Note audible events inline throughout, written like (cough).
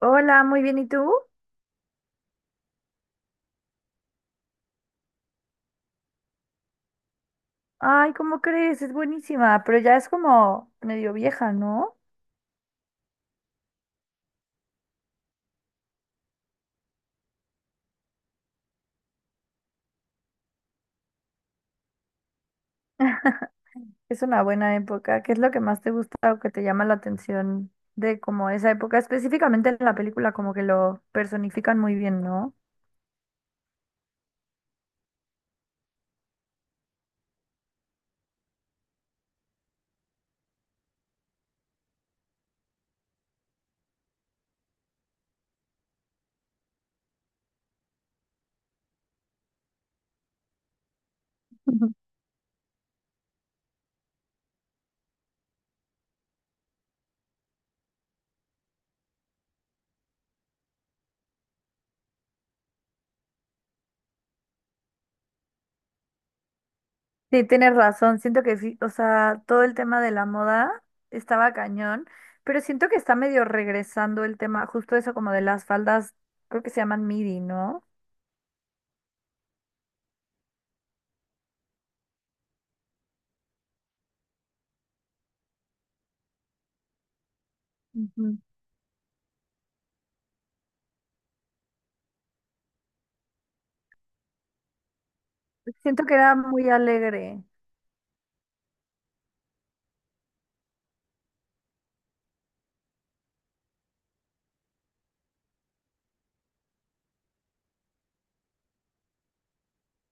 Hola, muy bien, ¿y tú? Ay, ¿cómo crees? Es buenísima, pero ya es como medio vieja, ¿no? Es una buena época. ¿Qué es lo que más te gusta o que te llama la atención de como esa época? Específicamente en la película, como que lo personifican muy bien, ¿no? Ujú. Sí, tienes razón. Siento que sí, o sea, todo el tema de la moda estaba cañón, pero siento que está medio regresando el tema, justo eso como de las faldas, creo que se llaman midi, ¿no? Ujú. Siento que era muy alegre.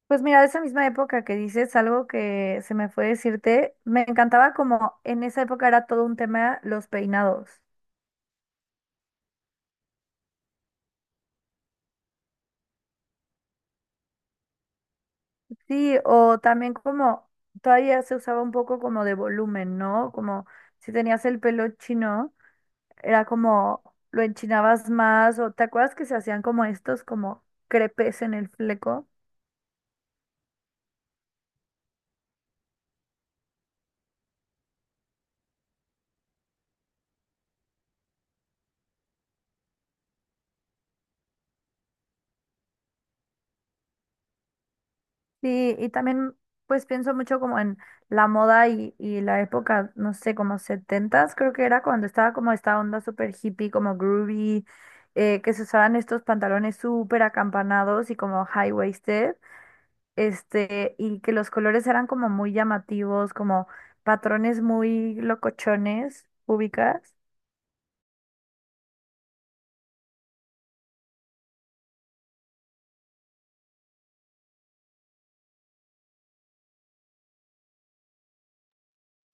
Pues mira, de esa misma época que dices, algo que se me fue decirte, me encantaba como en esa época era todo un tema los peinados. Sí, o también como todavía se usaba un poco como de volumen, ¿no? Como si tenías el pelo chino, era como lo enchinabas más, o te acuerdas que se hacían como estos como crepes en el fleco. Sí, y también pues pienso mucho como en la moda y la época, no sé, como setentas, creo que era cuando estaba como esta onda súper hippie, como groovy, que se usaban estos pantalones súper acampanados y como high-waisted, y que los colores eran como muy llamativos, como patrones muy locochones, ubicas.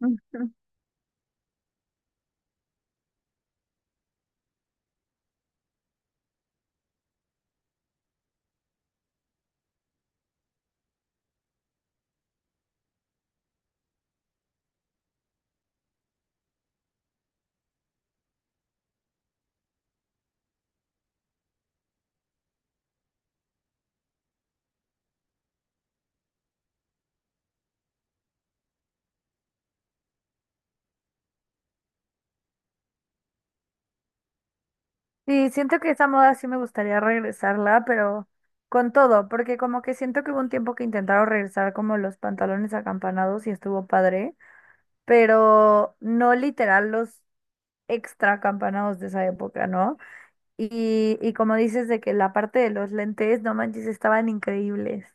(laughs) Sí, siento que esa moda sí me gustaría regresarla, pero con todo, porque como que siento que hubo un tiempo que intentaron regresar como los pantalones acampanados y estuvo padre, pero no literal los extra acampanados de esa época, ¿no? Y como dices de que la parte de los lentes, no manches, estaban increíbles.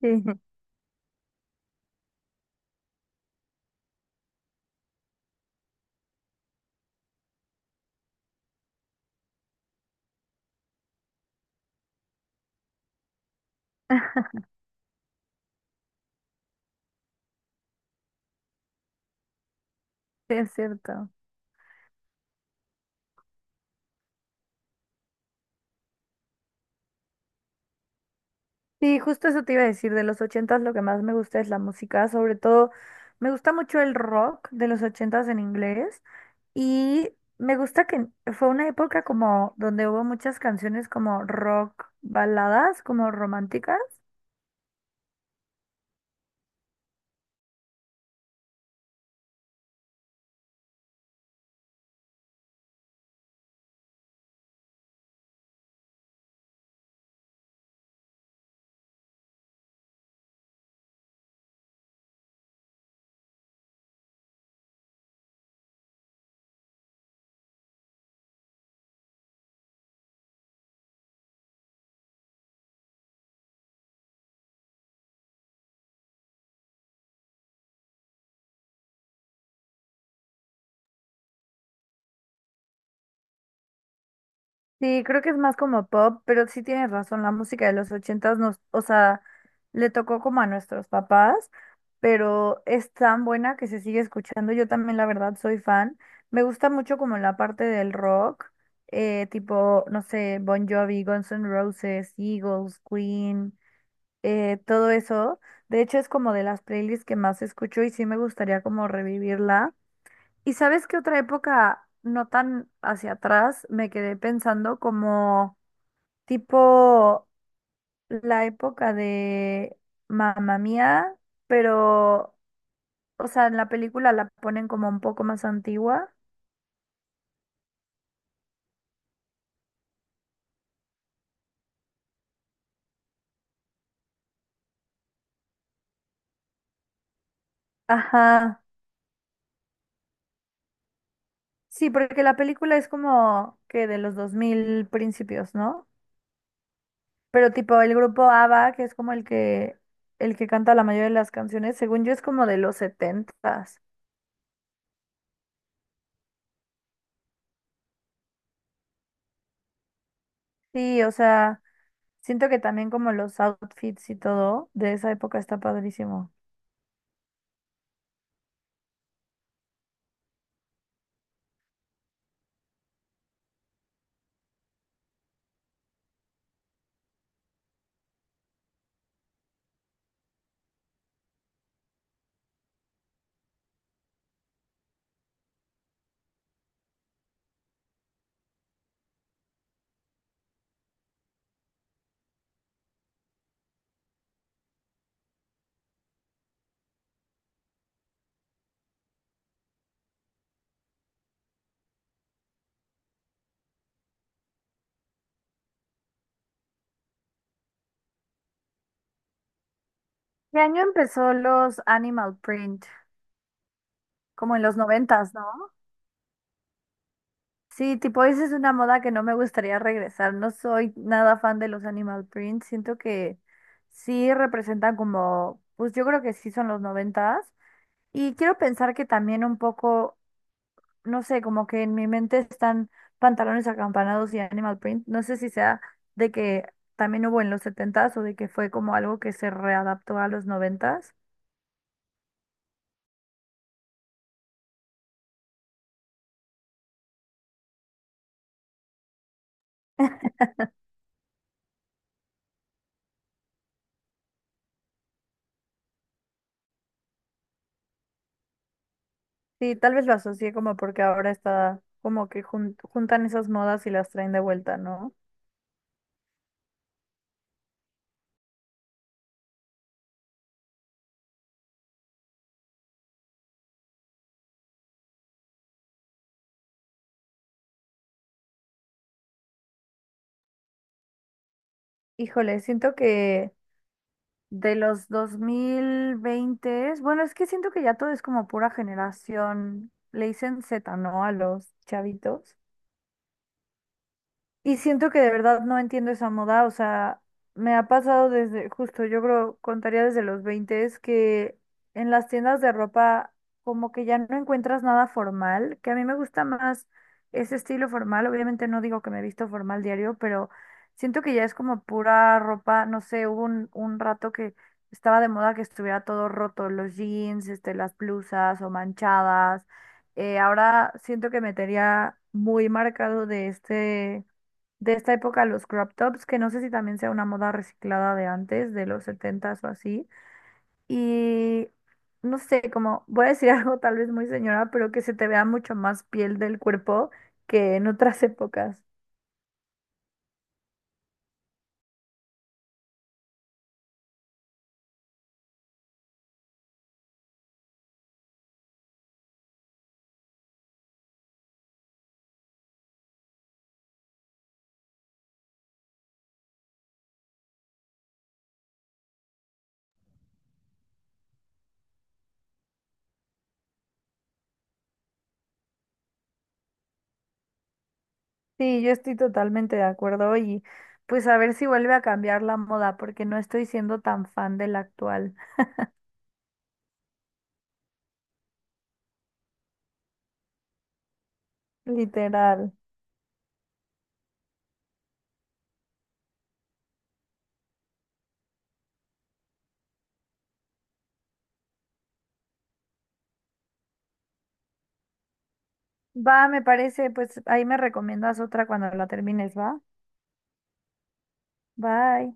Sí, (laughs) sí es cierto. Sí, justo eso te iba a decir, de los ochentas lo que más me gusta es la música, sobre todo me gusta mucho el rock de los ochentas en inglés. Y me gusta que fue una época como donde hubo muchas canciones como rock baladas, como románticas. Sí, creo que es más como pop, pero sí tienes razón, la música de los ochentas nos, o sea, le tocó como a nuestros papás, pero es tan buena que se sigue escuchando. Yo también, la verdad, soy fan. Me gusta mucho como la parte del rock, tipo, no sé, Bon Jovi, Guns N' Roses, Eagles, Queen. Todo eso. De hecho, es como de las playlists que más escucho y sí me gustaría como revivirla. ¿Y sabes qué otra época, no tan hacia atrás, me quedé pensando como tipo la época de Mamma Mía, pero, o sea, en la película la ponen como un poco más antigua. Ajá. Sí, porque la película es como que de los 2000 principios, ¿no? Pero tipo el grupo ABBA, que es como el que canta la mayoría de las canciones, según yo es como de los setentas. Sí, o sea, siento que también como los outfits y todo de esa época está padrísimo. ¿Qué año empezó los animal print? Como en los noventas, ¿no? Sí, tipo, esa es una moda que no me gustaría regresar. No soy nada fan de los animal print. Siento que sí representan como, pues yo creo que sí son los noventas. Y quiero pensar que también un poco no sé, como que en mi mente están pantalones acampanados y Animal Print. No sé si sea de que también hubo en los setentas o de que fue como algo que se readaptó a los noventas. Sí, tal vez lo asocié como porque ahora está como que jun- juntan esas modas y las traen de vuelta, ¿no? Híjole, siento que de los 2020, bueno, es que siento que ya todo es como pura generación, le dicen Z, ¿no? A los chavitos. Y siento que de verdad no entiendo esa moda, o sea, me ha pasado desde, justo yo creo, contaría desde los 20 es que en las tiendas de ropa como que ya no encuentras nada formal, que a mí me gusta más ese estilo formal, obviamente no digo que me he visto formal diario, pero siento que ya es como pura ropa, no sé, hubo un rato que estaba de moda que estuviera todo roto, los jeans, las blusas o manchadas, ahora siento que me tenía muy marcado de de esta época los crop tops, que no sé si también sea una moda reciclada de antes, de los setentas o así. Y no sé, como voy a decir (laughs) algo tal vez muy señora, pero que se te vea mucho más piel del cuerpo que en otras (laughs) épocas. Sí, yo estoy totalmente de acuerdo y pues a ver si vuelve a cambiar la moda, porque no estoy siendo tan fan de la actual, literal. Va, me parece, pues ahí me recomiendas otra cuando la termines, ¿va? Bye.